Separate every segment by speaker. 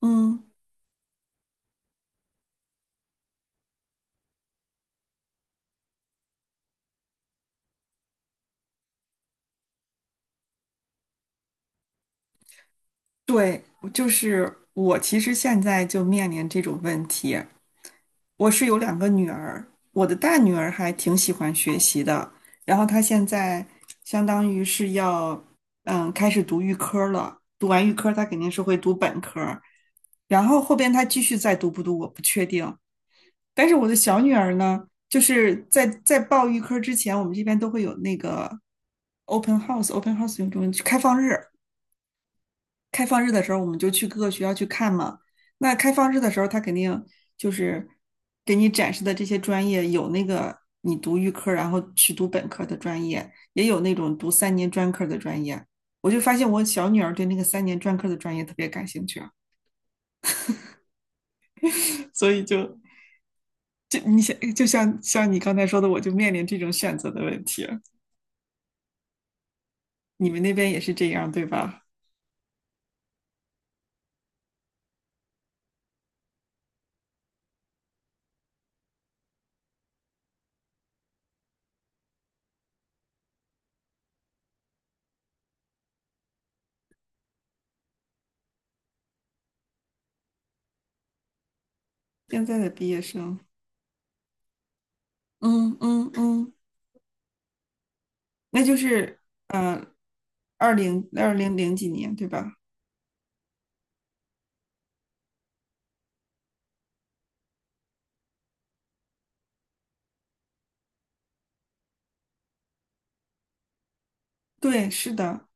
Speaker 1: 嗯，对，就是我其实现在就面临这种问题。我是有两个女儿，我的大女儿还挺喜欢学习的，然后她现在相当于是要开始读预科了，读完预科她肯定是会读本科儿，然后后边她继续再读不读我不确定。但是我的小女儿呢，就是在报预科之前，我们这边都会有那个 open house，open house 用中文开放日。开放日的时候，我们就去各个学校去看嘛。那开放日的时候，他肯定就是给你展示的这些专业，有那个你读预科，然后去读本科的专业，也有那种读三年专科的专业。我就发现我小女儿对那个三年专科的专业特别感兴趣啊，所以就你想，就像你刚才说的，我就面临这种选择的问题。你们那边也是这样，对吧？现在的毕业生，嗯嗯嗯。那就是嗯，二零二零零几年，对吧？对，是的，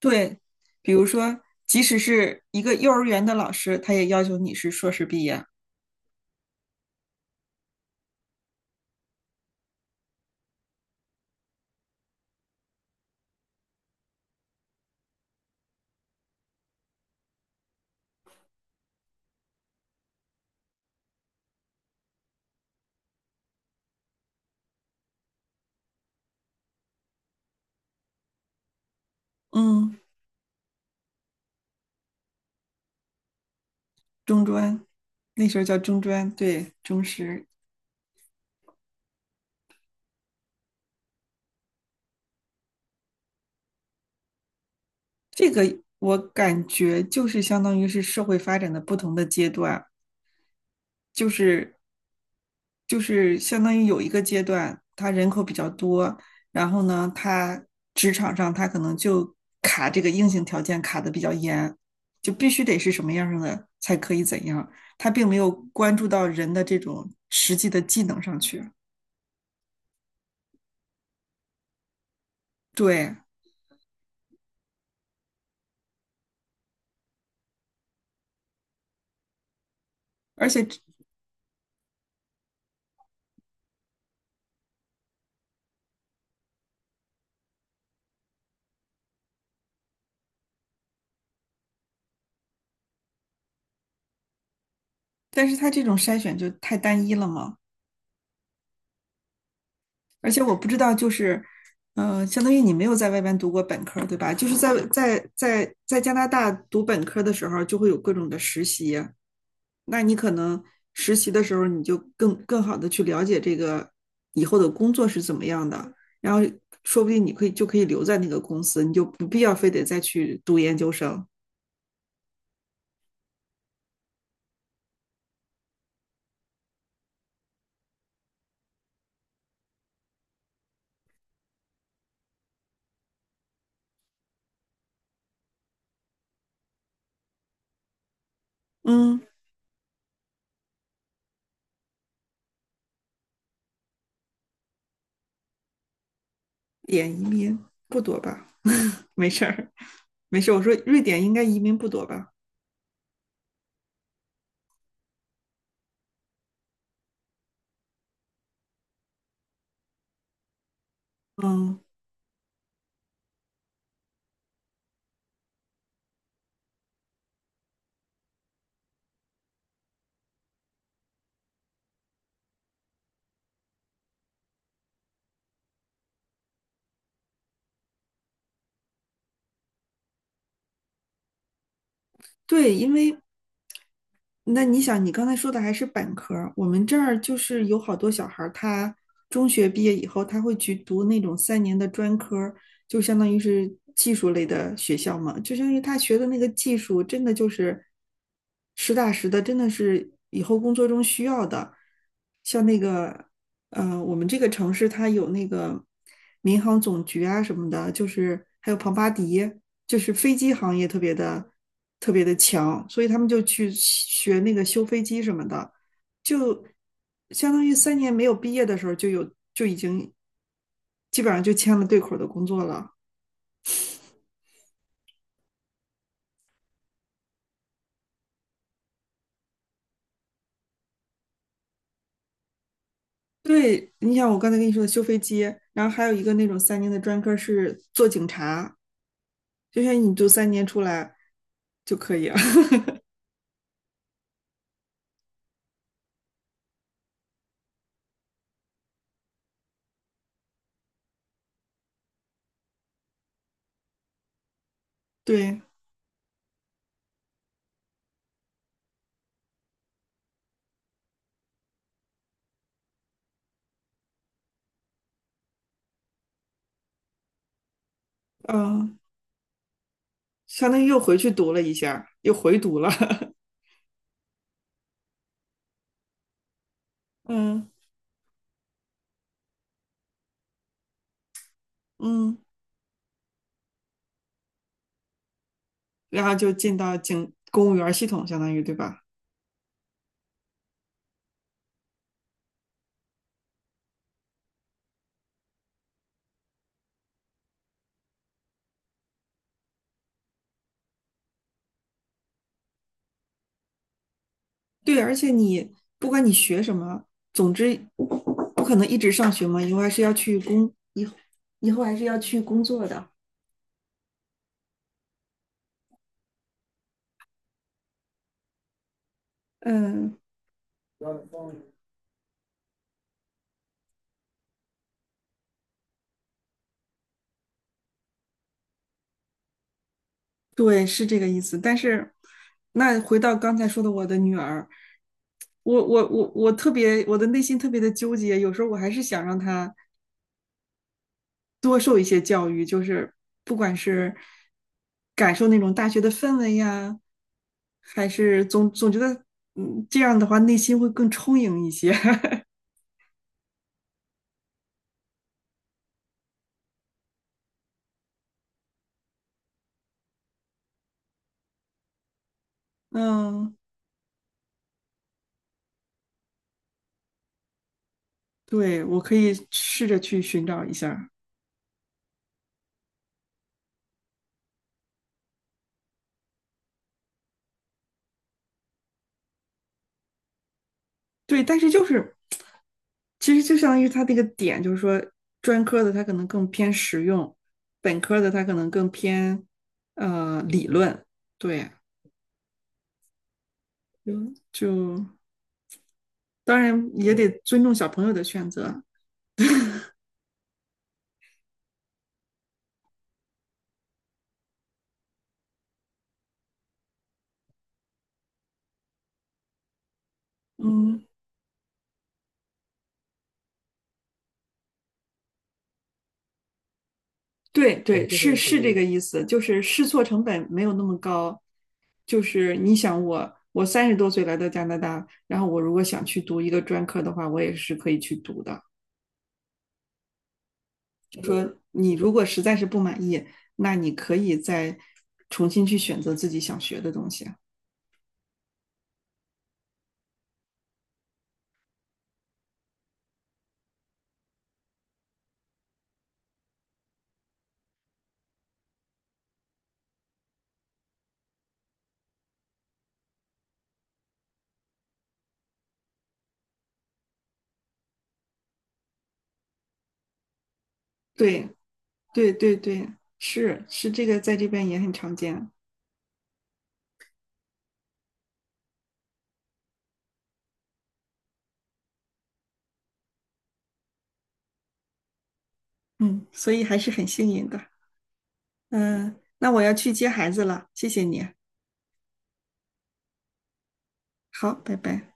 Speaker 1: 对。比如说，即使是一个幼儿园的老师，他也要求你是硕士毕业。嗯，中专，那时候叫中专，对，中师。这个我感觉就是相当于是社会发展的不同的阶段，就是就是相当于有一个阶段，他人口比较多，然后呢，他职场上他可能就卡这个硬性条件卡的比较严，就必须得是什么样的才可以怎样，他并没有关注到人的这种实际的技能上去。对，而且但是他这种筛选就太单一了嘛。而且我不知道，就是，相当于你没有在外边读过本科，对吧？就是在加拿大读本科的时候，就会有各种的实习，那你可能实习的时候，你就更好的去了解这个以后的工作是怎么样的，然后说不定你可以就可以留在那个公司，你就不必要非得再去读研究生。嗯，点移民不多吧？没事儿，没事我说瑞典应该移民不多吧？嗯。对，因为那你想，你刚才说的还是本科儿，我们这儿就是有好多小孩儿他中学毕业以后，他会去读那种三年的专科儿，就相当于是技术类的学校嘛，就相当于他学的那个技术，真的就是实打实的，真的是以后工作中需要的。像那个，我们这个城市它有那个民航总局啊什么的，就是还有庞巴迪。就是飞机行业特别的特别的强，所以他们就去学那个修飞机什么的，就相当于三年没有毕业的时候就已经基本上就签了对口的工作了。对，你想我刚才跟你说的修飞机，然后还有一个那种三年的专科是做警察，就像你读三年出来就可以了。对，嗯，相当于又回去读了一下，又回读了。嗯嗯。然后就进到警公务员系统，相当于对吧？对，而且你不管你学什么，总之不可能一直上学嘛，以后还是要去工作的。嗯，对，是这个意思。但是那回到刚才说的我的女儿，我的内心特别的纠结，有时候我还是想让她多受一些教育，就是不管是感受那种大学的氛围呀，还是总觉得，这样的话内心会更充盈一些。嗯，对，我可以试着去寻找一下儿。对，但是就是，其实就相当于他这个点，就是说专科的他可能更偏实用，本科的他可能更偏理论。对，就当然也得尊重小朋友的选择。嗯。对哎对，是是这个意思，就是试错成本没有那么高。就是你想我30多岁来到加拿大，然后我如果想去读一个专科的话，我也是可以去读的。就说你如果实在是不满意，那你可以再重新去选择自己想学的东西啊。对对对对，是是这个在这边也很常见。嗯，所以还是很幸运的。嗯，那我要去接孩子了，谢谢你。好，拜拜。